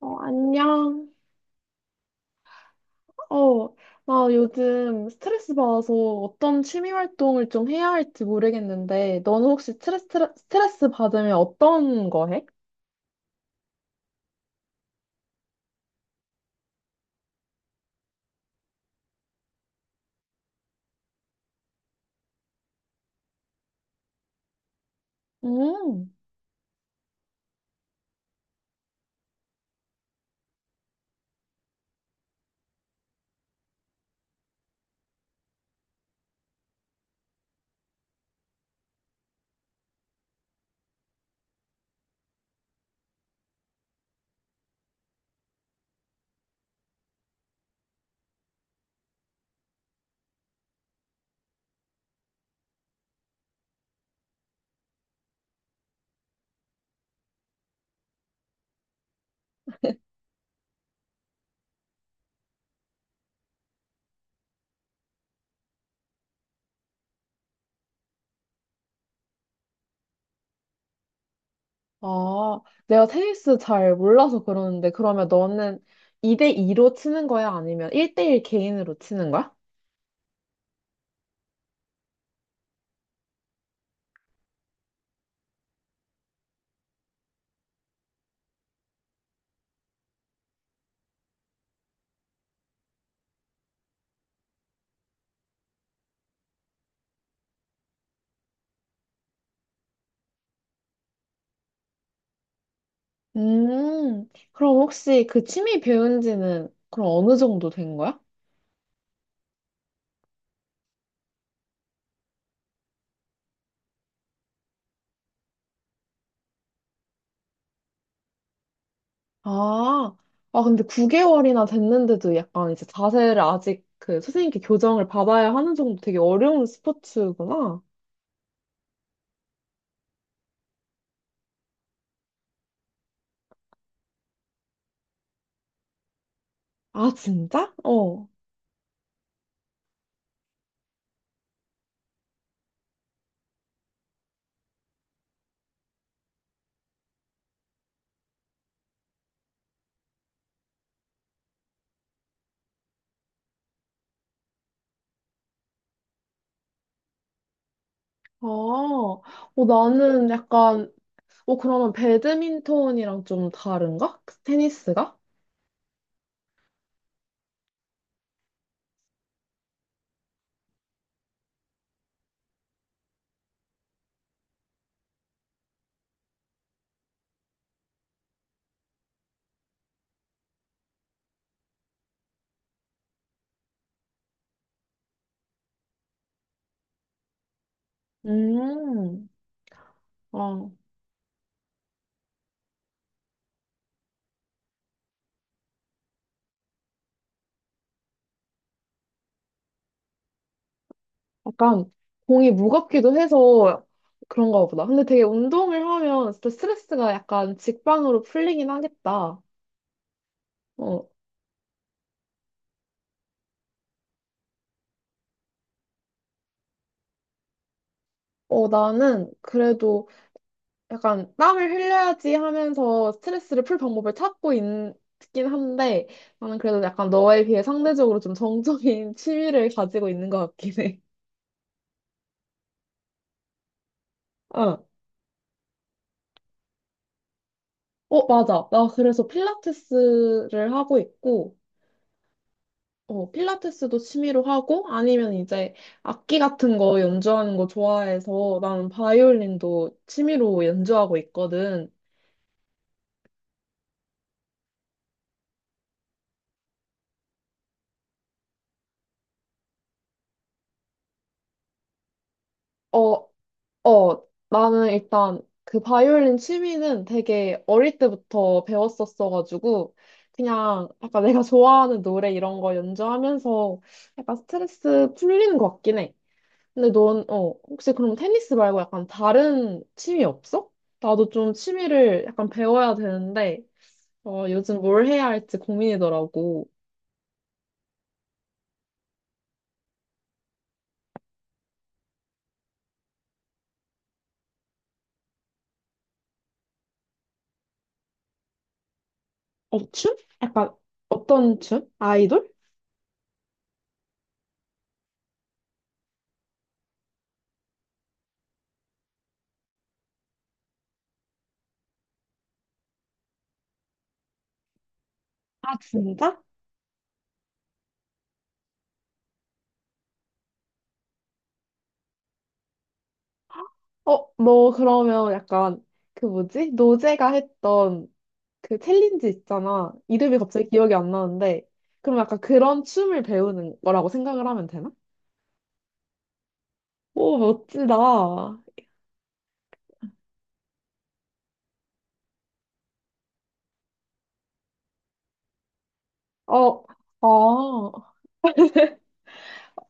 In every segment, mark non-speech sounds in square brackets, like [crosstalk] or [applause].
어, 안녕. 어, 나 요즘 스트레스 받아서 어떤 취미 활동을 좀 해야 할지 모르겠는데, 너는 혹시 스트레스 받으면 어떤 거 해? 음. 아, 내가 테니스 잘 몰라서 그러는데, 그러면 너는 2대2로 치는 거야? 아니면 1대1 개인으로 치는 거야? 음, 그럼 혹시 그 취미 배운 지는 그럼 어느 정도 된 거야? 아, 아, 근데 9개월이나 됐는데도 약간 이제 자세를 아직 그 선생님께 교정을 받아야 하는 정도 되게 어려운 스포츠구나. 아, 진짜? 어. 아, 어, 나는 약간, 어, 그러면 배드민턴이랑 좀 다른가? 그 테니스가? 음, 어, 약간 공이 무겁기도 해서 그런가 보다. 근데 되게 운동을 하면 진짜 스트레스가 약간 직방으로 풀리긴 하겠다. 어, 어, 나는 그래도 약간 땀을 흘려야지 하면서 스트레스를 풀 방법을 찾고 있긴 한데 나는 그래도 약간 너에 비해 상대적으로 좀 정적인 [laughs] 취미를 가지고 있는 것 같긴 해. 어, 어, 맞아. 나 그래서 필라테스를 하고 있고 어, 필라테스도 취미로 하고 아니면 이제 악기 같은 거 연주하는 거 좋아해서 나는 바이올린도 취미로 연주하고 있거든. 어, 어, 나는 일단 그 바이올린 취미는 되게 어릴 때부터 배웠었어가지고, 그냥 약간 내가 [laughs] 좋아하는 노래 이런 거 연주하면서 약간 스트레스 풀리는 것 같긴 해. 근데 넌, 어, 혹시 그럼 테니스 말고 약간 다른 취미 없어? 나도 좀 취미를 약간 배워야 되는데, 어, 요즘 뭘 해야 할지 고민이더라고. 어, 춤? 약간 어떤 춤? 아이돌? 아, 진짜? 어, 너 그러면 약간 그 뭐지? 노제가 했던 그 챌린지 있잖아. 이름이 갑자기 기억이 안 나는데. 그럼 약간 그런 춤을 배우는 거라고 생각을 하면 되나? 오, 멋지다. 아,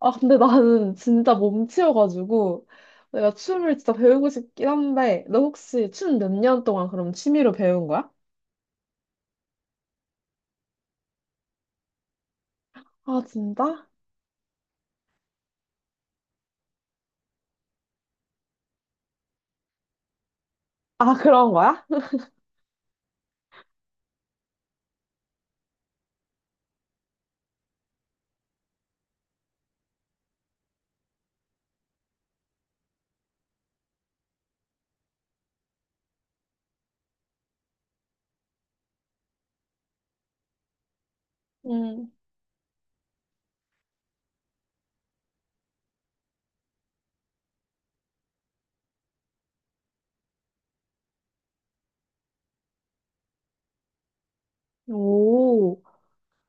근데 나는 진짜 몸치여가지고 내가 춤을 진짜 배우고 싶긴 한데, 너 혹시 춤 몇 년 동안 그럼 취미로 배운 거야? 아, 진짜? 아, 그런 거야? [laughs] 음. 오.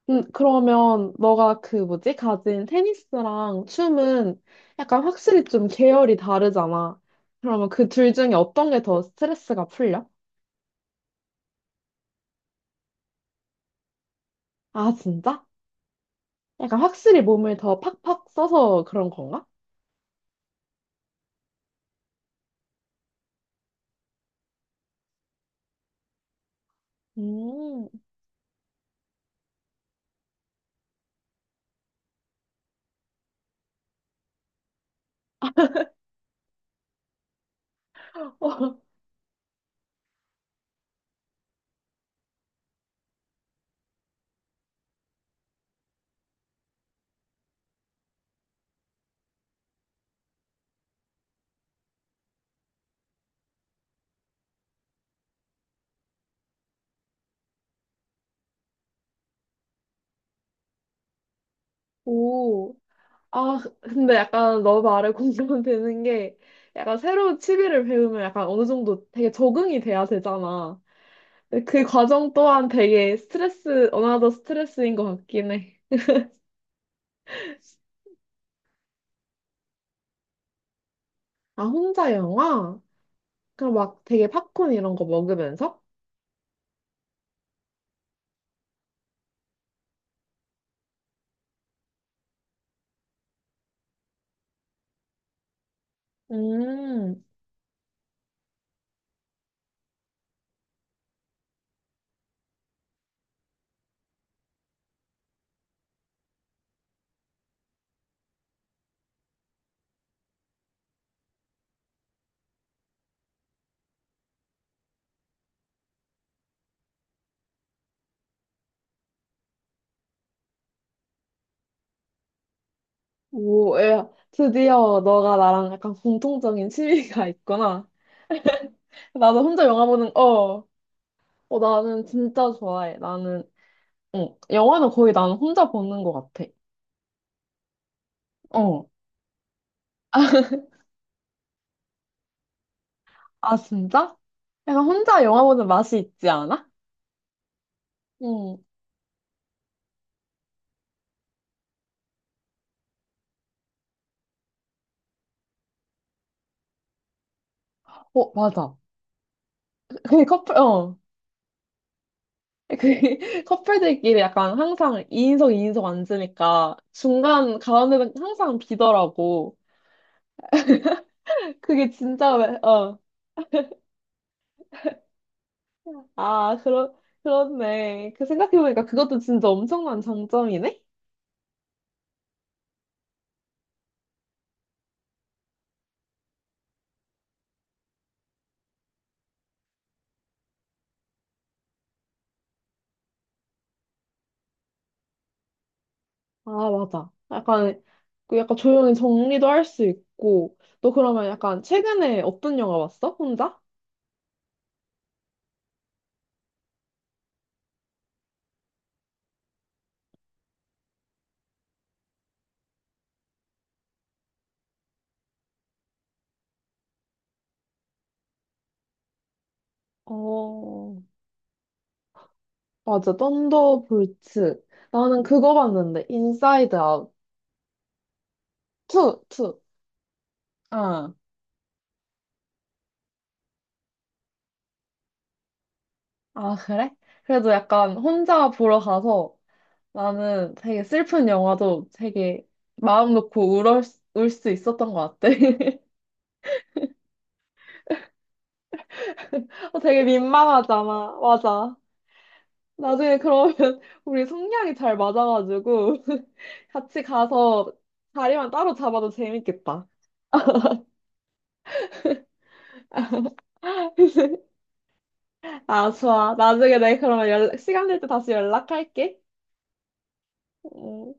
그러면 너가 그 뭐지? 가진 테니스랑 춤은 약간 확실히 좀 계열이 다르잖아. 그러면 그 둘 중에 어떤 게 더 스트레스가 풀려? 아, 진짜? 약간 확실히 몸을 더 팍팍 써서 그런 건가? 음. [laughs] 오. 아, 근데 약간 너 말에 공감되는 게 약간 새로운 취미를 배우면 약간 어느 정도 되게 적응이 돼야 되잖아. 근데 그 과정 또한 되게 스트레스, 어나더 스트레스인 것 같긴 해. 아, 혼자 영화? 그럼 막 되게 팝콘 이런 거 먹으면서? 음. 오, 야, 드디어 너가 나랑 약간 공통적인 취미가 [laughs] 있구나. 나도 혼자 영화 보는, 어, 어, 나는 진짜 좋아해. 나는, 영화는 거의 나는 혼자 보는 것 같아. 어. [laughs] 아, 진짜? 약간 혼자 영화 보는 맛이 있지 않아? 응. 어, 맞아. 그 커플, 어. 그 [laughs] 커플들끼리 약간 항상 2인석 2인석 앉으니까 중간 가운데는 항상 비더라고. 그게 진짜 왜, 어. 아, 그렇네. 그 생각해보니까 그것도 진짜 엄청난 장점이네? 아, 맞아. 약간 조용히 정리도 할 수 있고. 너 그러면 약간 최근에 어떤 영화 봤어? 혼자? 어, 맞아. 썬더볼츠. 나는 그거 봤는데, 인사이드 아웃. 투. 아, 그래? 그래도 약간 혼자 보러 가서 나는 되게 슬픈 영화도 되게 마음 놓고 울을, 수- 울수 있었던 것 같아. [laughs] 어, 되게 민망하잖아. 맞아. 나중에 그러면 [laughs] 우리 성향이 잘 맞아가지고 [laughs] 같이 가서 자리만 따로 잡아도 재밌겠다. 아, 좋아. 나중에 내가 그러면 연락, 시간 될 때 다시 연락할게. 음.